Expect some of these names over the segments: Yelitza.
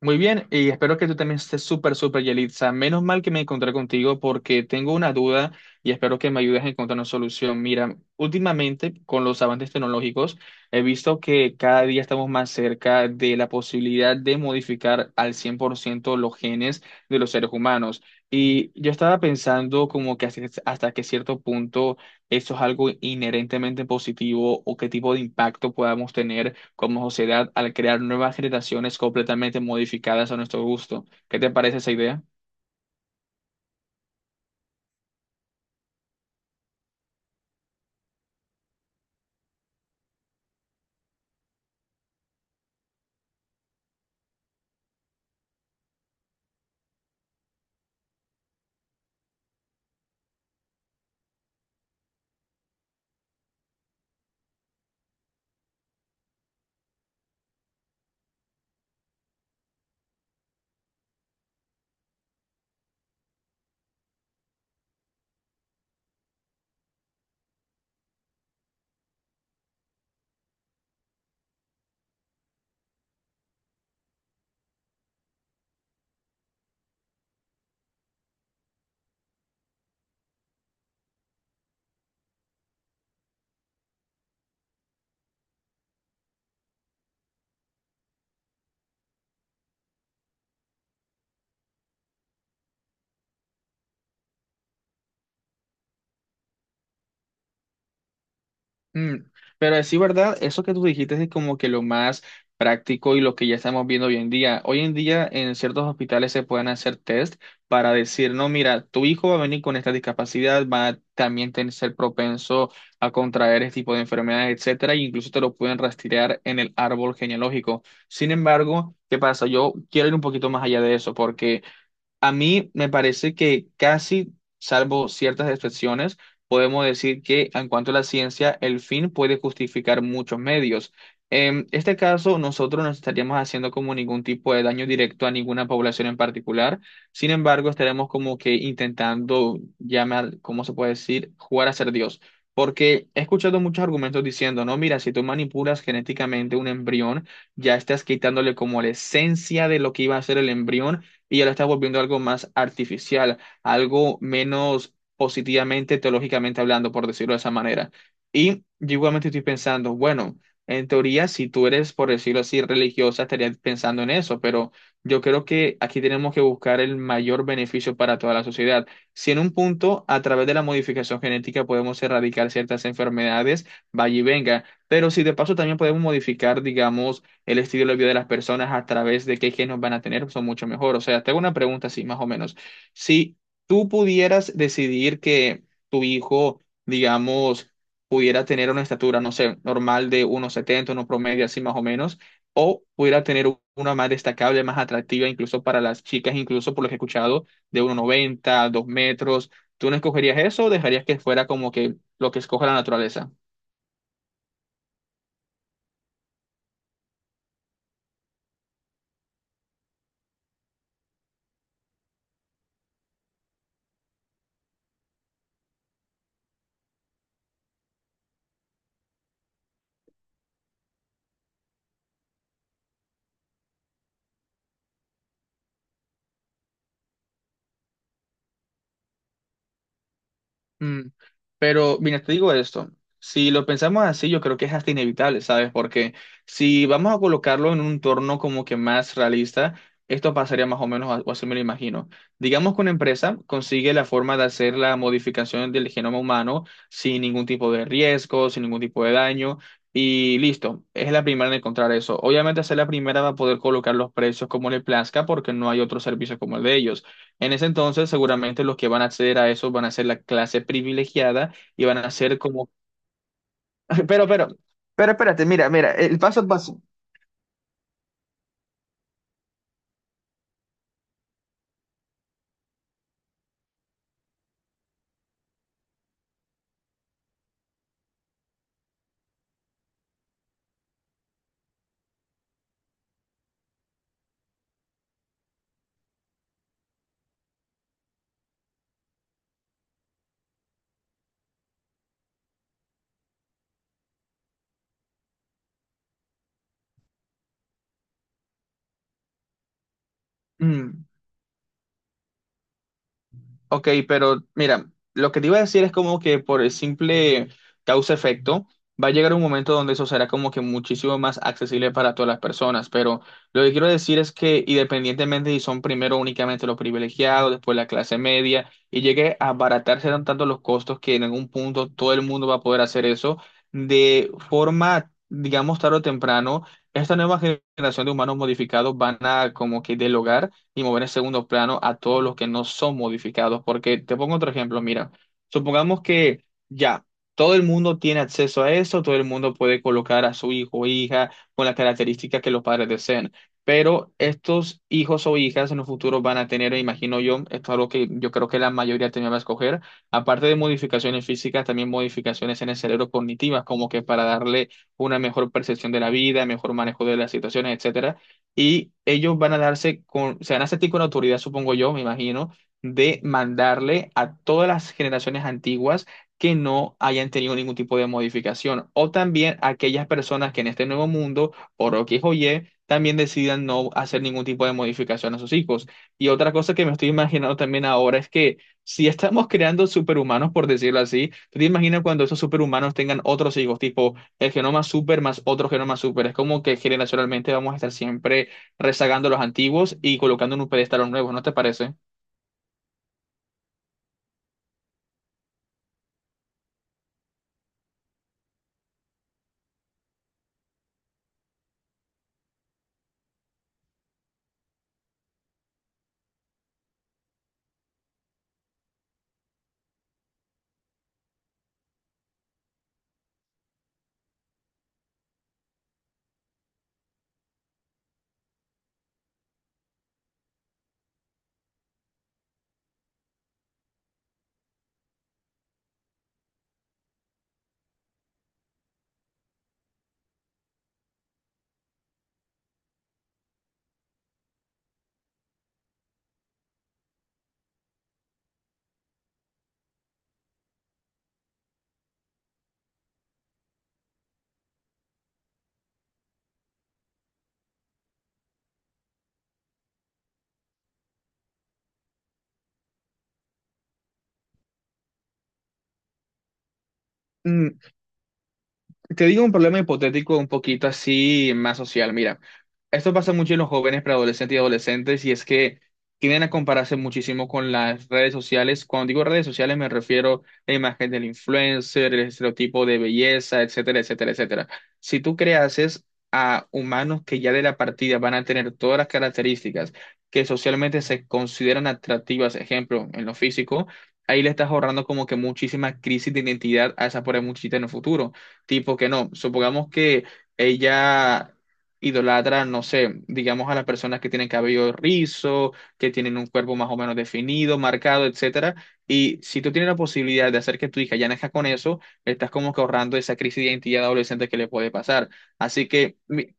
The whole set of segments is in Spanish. Muy bien, y espero que tú también estés súper, súper, Yelitza. Menos mal que me encontré contigo porque tengo una duda y espero que me ayudes a encontrar una solución. Mira, últimamente con los avances tecnológicos he visto que cada día estamos más cerca de la posibilidad de modificar al 100% los genes de los seres humanos. Y yo estaba pensando como que hasta que cierto punto eso es algo inherentemente positivo o qué tipo de impacto podamos tener como sociedad al crear nuevas generaciones completamente modificadas a nuestro gusto. ¿Qué te parece esa idea? Mm. Pero sí, ¿verdad? Eso que tú dijiste es como que lo más práctico y lo que ya estamos viendo hoy en día. Hoy en día en ciertos hospitales se pueden hacer test para decir, no, mira, tu hijo va a venir con esta discapacidad, va a también tener, ser propenso a contraer este tipo de enfermedades, etcétera, e incluso te lo pueden rastrear en el árbol genealógico. Sin embargo, ¿qué pasa? Yo quiero ir un poquito más allá de eso porque a mí me parece que casi, salvo ciertas excepciones, podemos decir que en cuanto a la ciencia, el fin puede justificar muchos medios. En este caso, nosotros no estaríamos haciendo como ningún tipo de daño directo a ninguna población en particular. Sin embargo, estaremos como que intentando llamar, ¿cómo se puede decir?, jugar a ser Dios. Porque he escuchado muchos argumentos diciendo, no, mira, si tú manipulas genéticamente un embrión, ya estás quitándole como la esencia de lo que iba a ser el embrión y ya lo estás volviendo algo más artificial, algo menos positivamente, teológicamente hablando, por decirlo de esa manera. Y yo igualmente estoy pensando, bueno, en teoría, si tú eres, por decirlo así, religiosa, estarías pensando en eso, pero yo creo que aquí tenemos que buscar el mayor beneficio para toda la sociedad. Si en un punto, a través de la modificación genética, podemos erradicar ciertas enfermedades, vaya y venga, pero si de paso también podemos modificar, digamos, el estudio del vida de las personas a través de qué genes van a tener son mucho mejor. O sea, te hago una pregunta así, más o menos. Si tú pudieras decidir que tu hijo, digamos, pudiera tener una estatura, no sé, normal de 1,70, uno promedio, así más o menos, o pudiera tener una más destacable, más atractiva, incluso para las chicas, incluso por lo que he escuchado, de 1,90, 2 metros, ¿tú no escogerías eso o dejarías que fuera como que lo que escoge la naturaleza? Pero mira, te digo esto, si lo pensamos así, yo creo que es hasta inevitable, ¿sabes? Porque si vamos a colocarlo en un entorno como que más realista, esto pasaría más o menos, o así me lo imagino. Digamos que una empresa consigue la forma de hacer la modificación del genoma humano sin ningún tipo de riesgo, sin ningún tipo de daño, y listo, es la primera en encontrar eso. Obviamente, ser la primera va a poder colocar los precios como le plazca porque no hay otro servicio como el de ellos. En ese entonces, seguramente los que van a acceder a eso van a ser la clase privilegiada y van a ser como... Pero, pero, pero espérate, mira, mira, el paso a paso. Mm. Ok, pero mira, lo que te iba a decir es como que por el simple causa-efecto, va a llegar un momento donde eso será como que muchísimo más accesible para todas las personas, pero lo que quiero decir es que independientemente si son primero únicamente los privilegiados, después la clase media, y llegue a abaratarse tanto los costos que en algún punto todo el mundo va a poder hacer eso, de forma, digamos, tarde o temprano, esta nueva generación de humanos modificados van a como que del y mover en segundo plano a todos los que no son modificados. Porque te pongo otro ejemplo, mira, supongamos que ya todo el mundo tiene acceso a eso, todo el mundo puede colocar a su hijo o hija con las características que los padres deseen. Pero estos hijos o hijas en el futuro van a tener, imagino yo, esto es algo que yo creo que la mayoría tenía que escoger, aparte de modificaciones físicas, también modificaciones en el cerebro cognitivas, como que para darle una mejor percepción de la vida, mejor manejo de las situaciones, etcétera, y ellos van a darse con, se van a sentir con la autoridad, supongo yo, me imagino, de mandarle a todas las generaciones antiguas que no hayan tenido ningún tipo de modificación, o también a aquellas personas que en este nuevo mundo, por lo que es oye, también decidan no hacer ningún tipo de modificación a sus hijos. Y otra cosa que me estoy imaginando también ahora es que si estamos creando superhumanos, por decirlo así, ¿tú te imaginas cuando esos superhumanos tengan otros hijos, tipo el genoma super más otro genoma super? Es como que generacionalmente vamos a estar siempre rezagando los antiguos y colocando en un pedestal a los nuevos, ¿no te parece? Te digo un problema hipotético un poquito así más social. Mira, esto pasa mucho en los jóvenes, preadolescentes y adolescentes, y es que tienden a compararse muchísimo con las redes sociales. Cuando digo redes sociales me refiero a la imagen del influencer, el estereotipo de belleza, etcétera, etcétera, etcétera. Si tú creases a humanos que ya de la partida van a tener todas las características que socialmente se consideran atractivas, ejemplo, en lo físico, ahí le estás ahorrando como que muchísima crisis de identidad a esa pobre muchita en el futuro. Tipo que no, supongamos que ella idolatra, no sé, digamos a las personas que tienen cabello rizo, que tienen un cuerpo más o menos definido, marcado, etcétera. Y si tú tienes la posibilidad de hacer que tu hija ya nazca con eso, estás como que ahorrando esa crisis de identidad adolescente que le puede pasar. Así que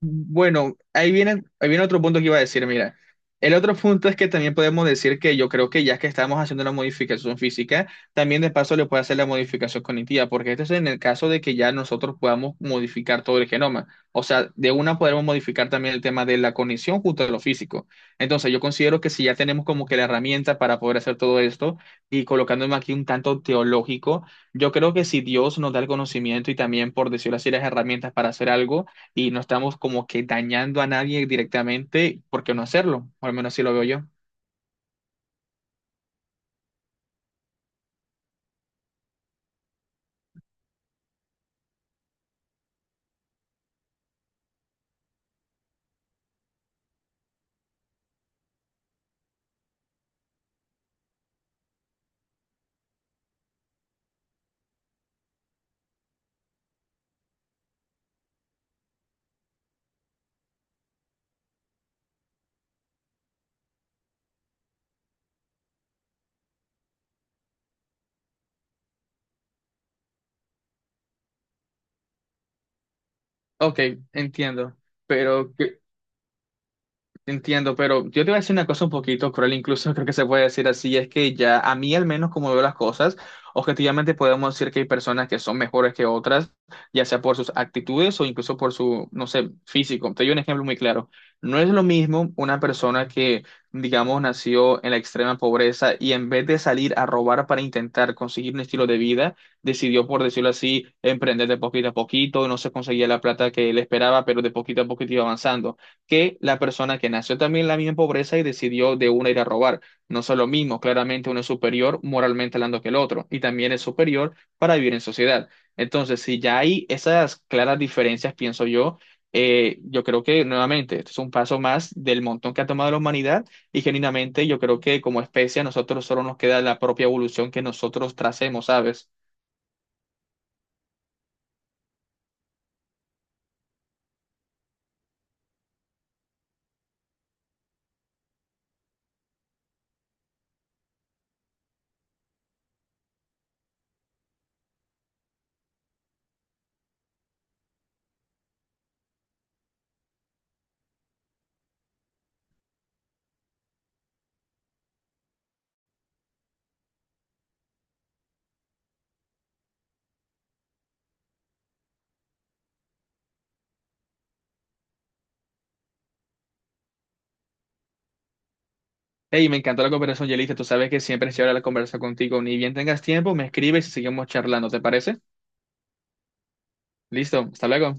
bueno, ahí viene otro punto que iba a decir, mira. El otro punto es que también podemos decir que yo creo que ya que estamos haciendo la modificación física, también de paso le puede hacer la modificación cognitiva, porque esto es en el caso de que ya nosotros podamos modificar todo el genoma. O sea, de una podemos modificar también el tema de la cognición junto a lo físico. Entonces, yo considero que si ya tenemos como que la herramienta para poder hacer todo esto y colocándome aquí un tanto teológico, yo creo que si Dios nos da el conocimiento y también, por decirlo así, las herramientas para hacer algo, y no estamos como que dañando a nadie directamente, ¿por qué no hacerlo? O al menos así lo veo yo. Ok, entiendo. Pero, entiendo, pero yo te voy a decir una cosa un poquito cruel, incluso creo que se puede decir así, es que ya a mí al menos como veo las cosas, objetivamente podemos decir que hay personas que son mejores que otras, ya sea por sus actitudes o incluso por su, no sé, físico. Te doy un ejemplo muy claro. No es lo mismo una persona que, digamos, nació en la extrema pobreza y en vez de salir a robar para intentar conseguir un estilo de vida, decidió, por decirlo así, emprender de poquito a poquito, no se conseguía la plata que él esperaba, pero de poquito a poquito iba avanzando que la persona que nació también en la misma pobreza y decidió de una ir a robar. No son lo mismo, claramente uno es superior moralmente hablando que el otro y también es superior para vivir en sociedad. Entonces, si ya hay esas claras diferencias, pienso yo, yo creo que nuevamente esto es un paso más del montón que ha tomado la humanidad y genuinamente yo creo que como especie a nosotros solo nos queda la propia evolución que nosotros tracemos, ¿sabes? Hey, me encantó la conversación, Yelita. Tú sabes que siempre es chévere la conversa contigo. Ni bien tengas tiempo, me escribes y seguimos charlando, ¿te parece? Listo, hasta luego.